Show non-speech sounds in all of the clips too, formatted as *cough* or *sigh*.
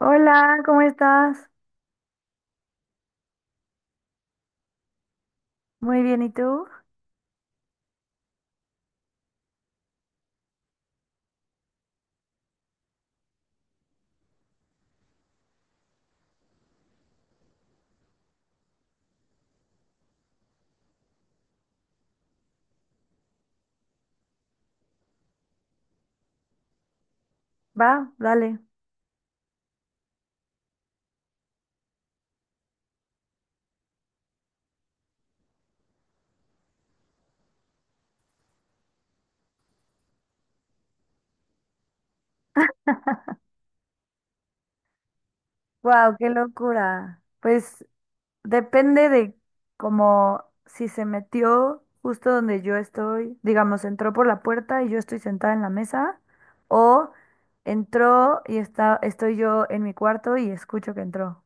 Hola, ¿cómo estás? Muy bien, ¿y tú? Va, dale. Wow, qué locura. Pues depende de como si se metió justo donde yo estoy, digamos, entró por la puerta y yo estoy sentada en la mesa, o estoy yo en mi cuarto y escucho que entró.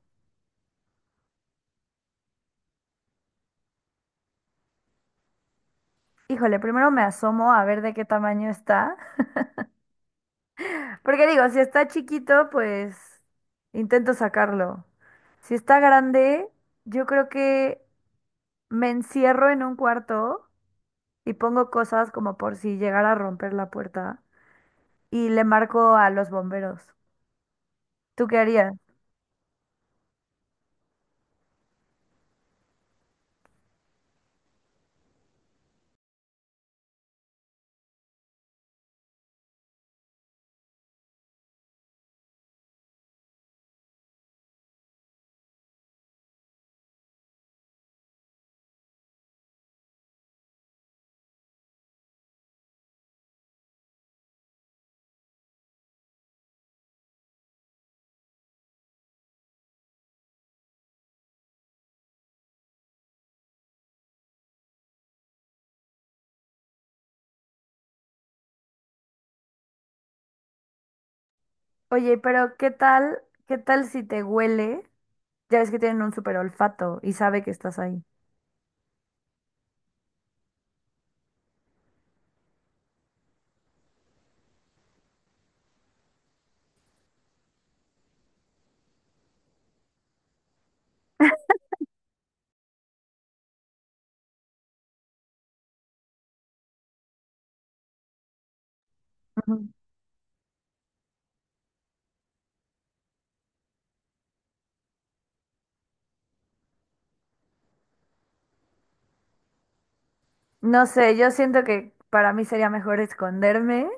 Híjole, primero me asomo a ver de qué tamaño está, porque digo, si está chiquito, pues intento sacarlo. Si está grande, yo creo que me encierro en un cuarto y pongo cosas como por si llegara a romper la puerta y le marco a los bomberos. ¿Tú qué harías? Oye, pero ¿qué tal? ¿Qué tal si te huele? Ya ves que tienen un super olfato y sabe que estás ahí. Ujú. No sé, yo siento que para mí sería mejor esconderme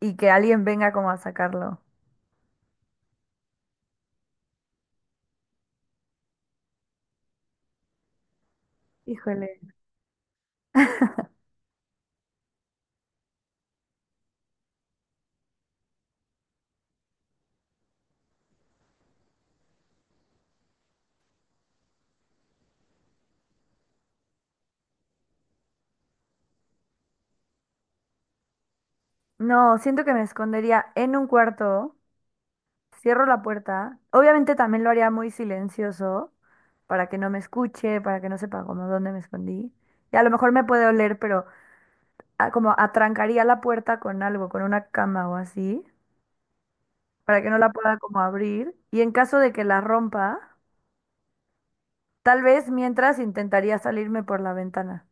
y que alguien venga como a sacarlo. Híjole. No, siento que me escondería en un cuarto. Cierro la puerta. Obviamente también lo haría muy silencioso para que no me escuche, para que no sepa como dónde me escondí. Y a lo mejor me puede oler, pero como atrancaría la puerta con algo, con una cama o así, para que no la pueda como abrir. Y en caso de que la rompa, tal vez mientras intentaría salirme por la ventana.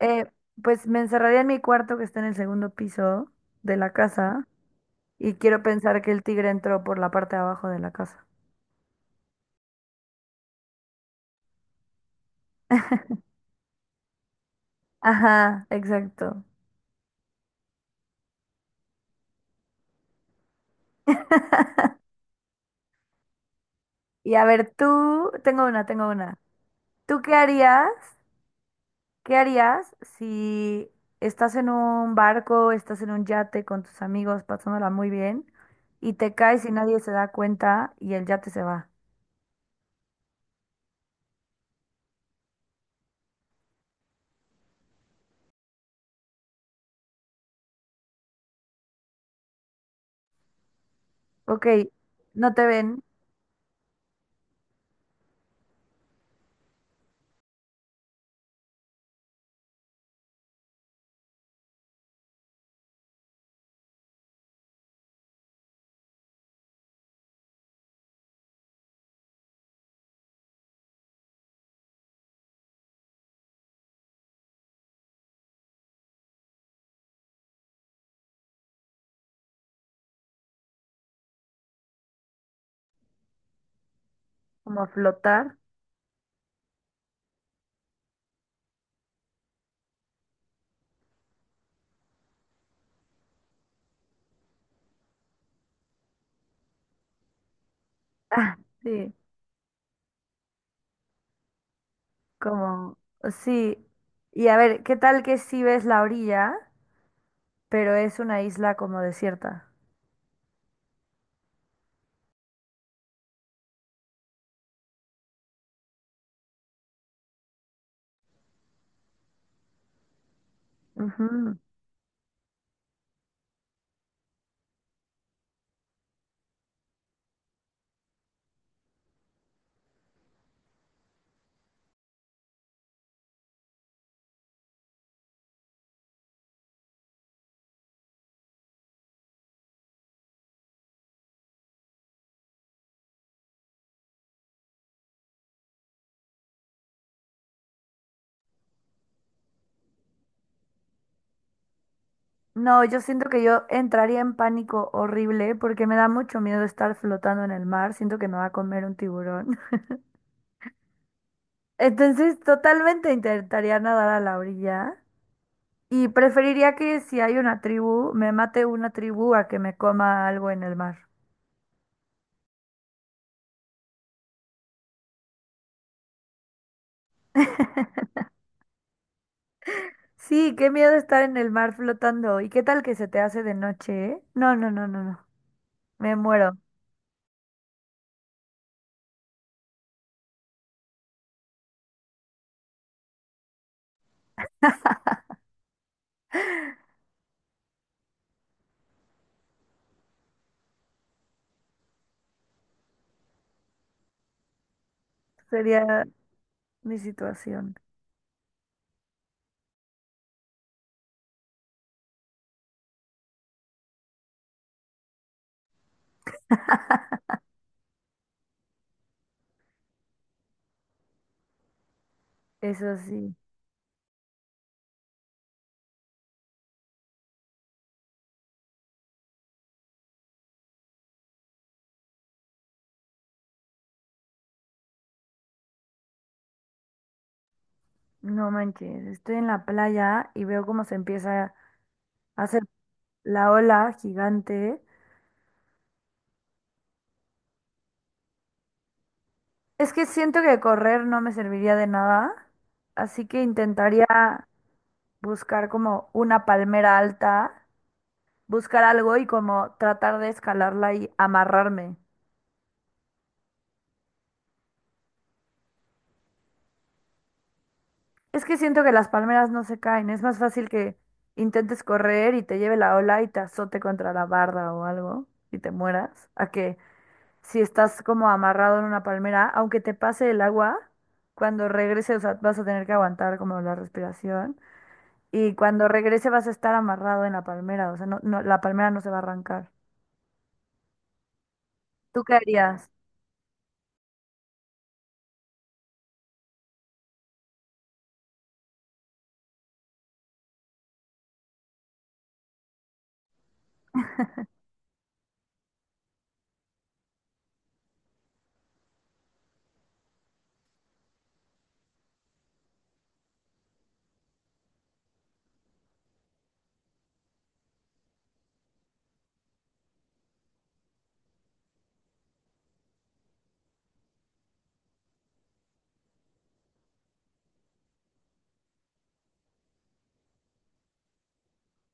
Eh, pues me encerraría en mi cuarto que está en el segundo piso de la casa y quiero pensar que el tigre entró por la parte de abajo de la casa. Ajá, exacto. Y a ver, tú, tengo una. ¿Tú qué harías? ¿Qué harías si estás en un barco, estás en un yate con tus amigos, pasándola muy bien, y te caes y nadie se da cuenta y el yate se va? Ok, no te ven, como flotar. Ah, sí, como, sí. Y a ver, ¿qué tal que sí ves la orilla, pero es una isla como desierta? Ujú. No, yo siento que yo entraría en pánico horrible porque me da mucho miedo estar flotando en el mar. Siento que me va a comer un tiburón. *laughs* Entonces, totalmente intentaría nadar a la orilla y preferiría que si hay una tribu, me mate una tribu a que me coma algo en el mar. *laughs* Sí, qué miedo estar en el mar flotando. ¿Y qué tal que se te hace de noche? No, no, no, no, no. Me muero. *laughs* Sería mi situación. Eso sí. No manches, estoy en la playa y veo cómo se empieza hacer la ola gigante. Es que siento que correr no me serviría de nada, así que intentaría buscar como una palmera alta, buscar algo y como tratar de escalarla y amarrarme. Es que siento que las palmeras no se caen, es más fácil que intentes correr y te lleve la ola y te azote contra la barda o algo y te mueras, a que si estás como amarrado en una palmera, aunque te pase el agua, cuando regreses, o sea, vas a tener que aguantar como la respiración. Y cuando regrese vas a estar amarrado en la palmera, o sea, no, no, la palmera no se va a arrancar. ¿Tú qué harías?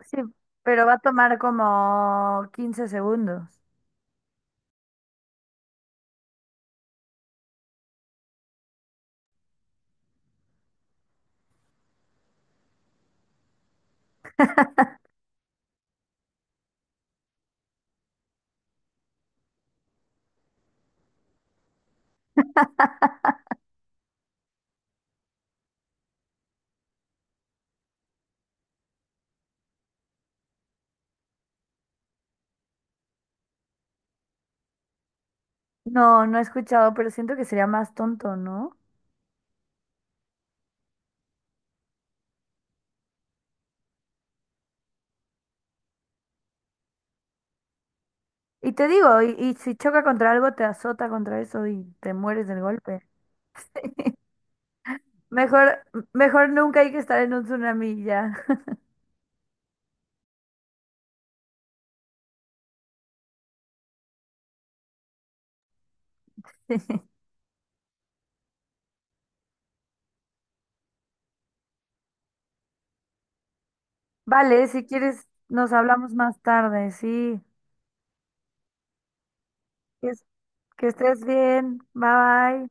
Sí, pero va a tomar como 15 segundos. *laughs* No, no he escuchado, pero siento que sería más tonto, ¿no? Y te digo, y si choca contra algo, te azota contra eso y te mueres del golpe. *laughs* Mejor, mejor nunca hay que estar en un tsunami ya. *laughs* Vale, si quieres, nos hablamos más tarde, sí. Que, es- que estés bien. Bye bye.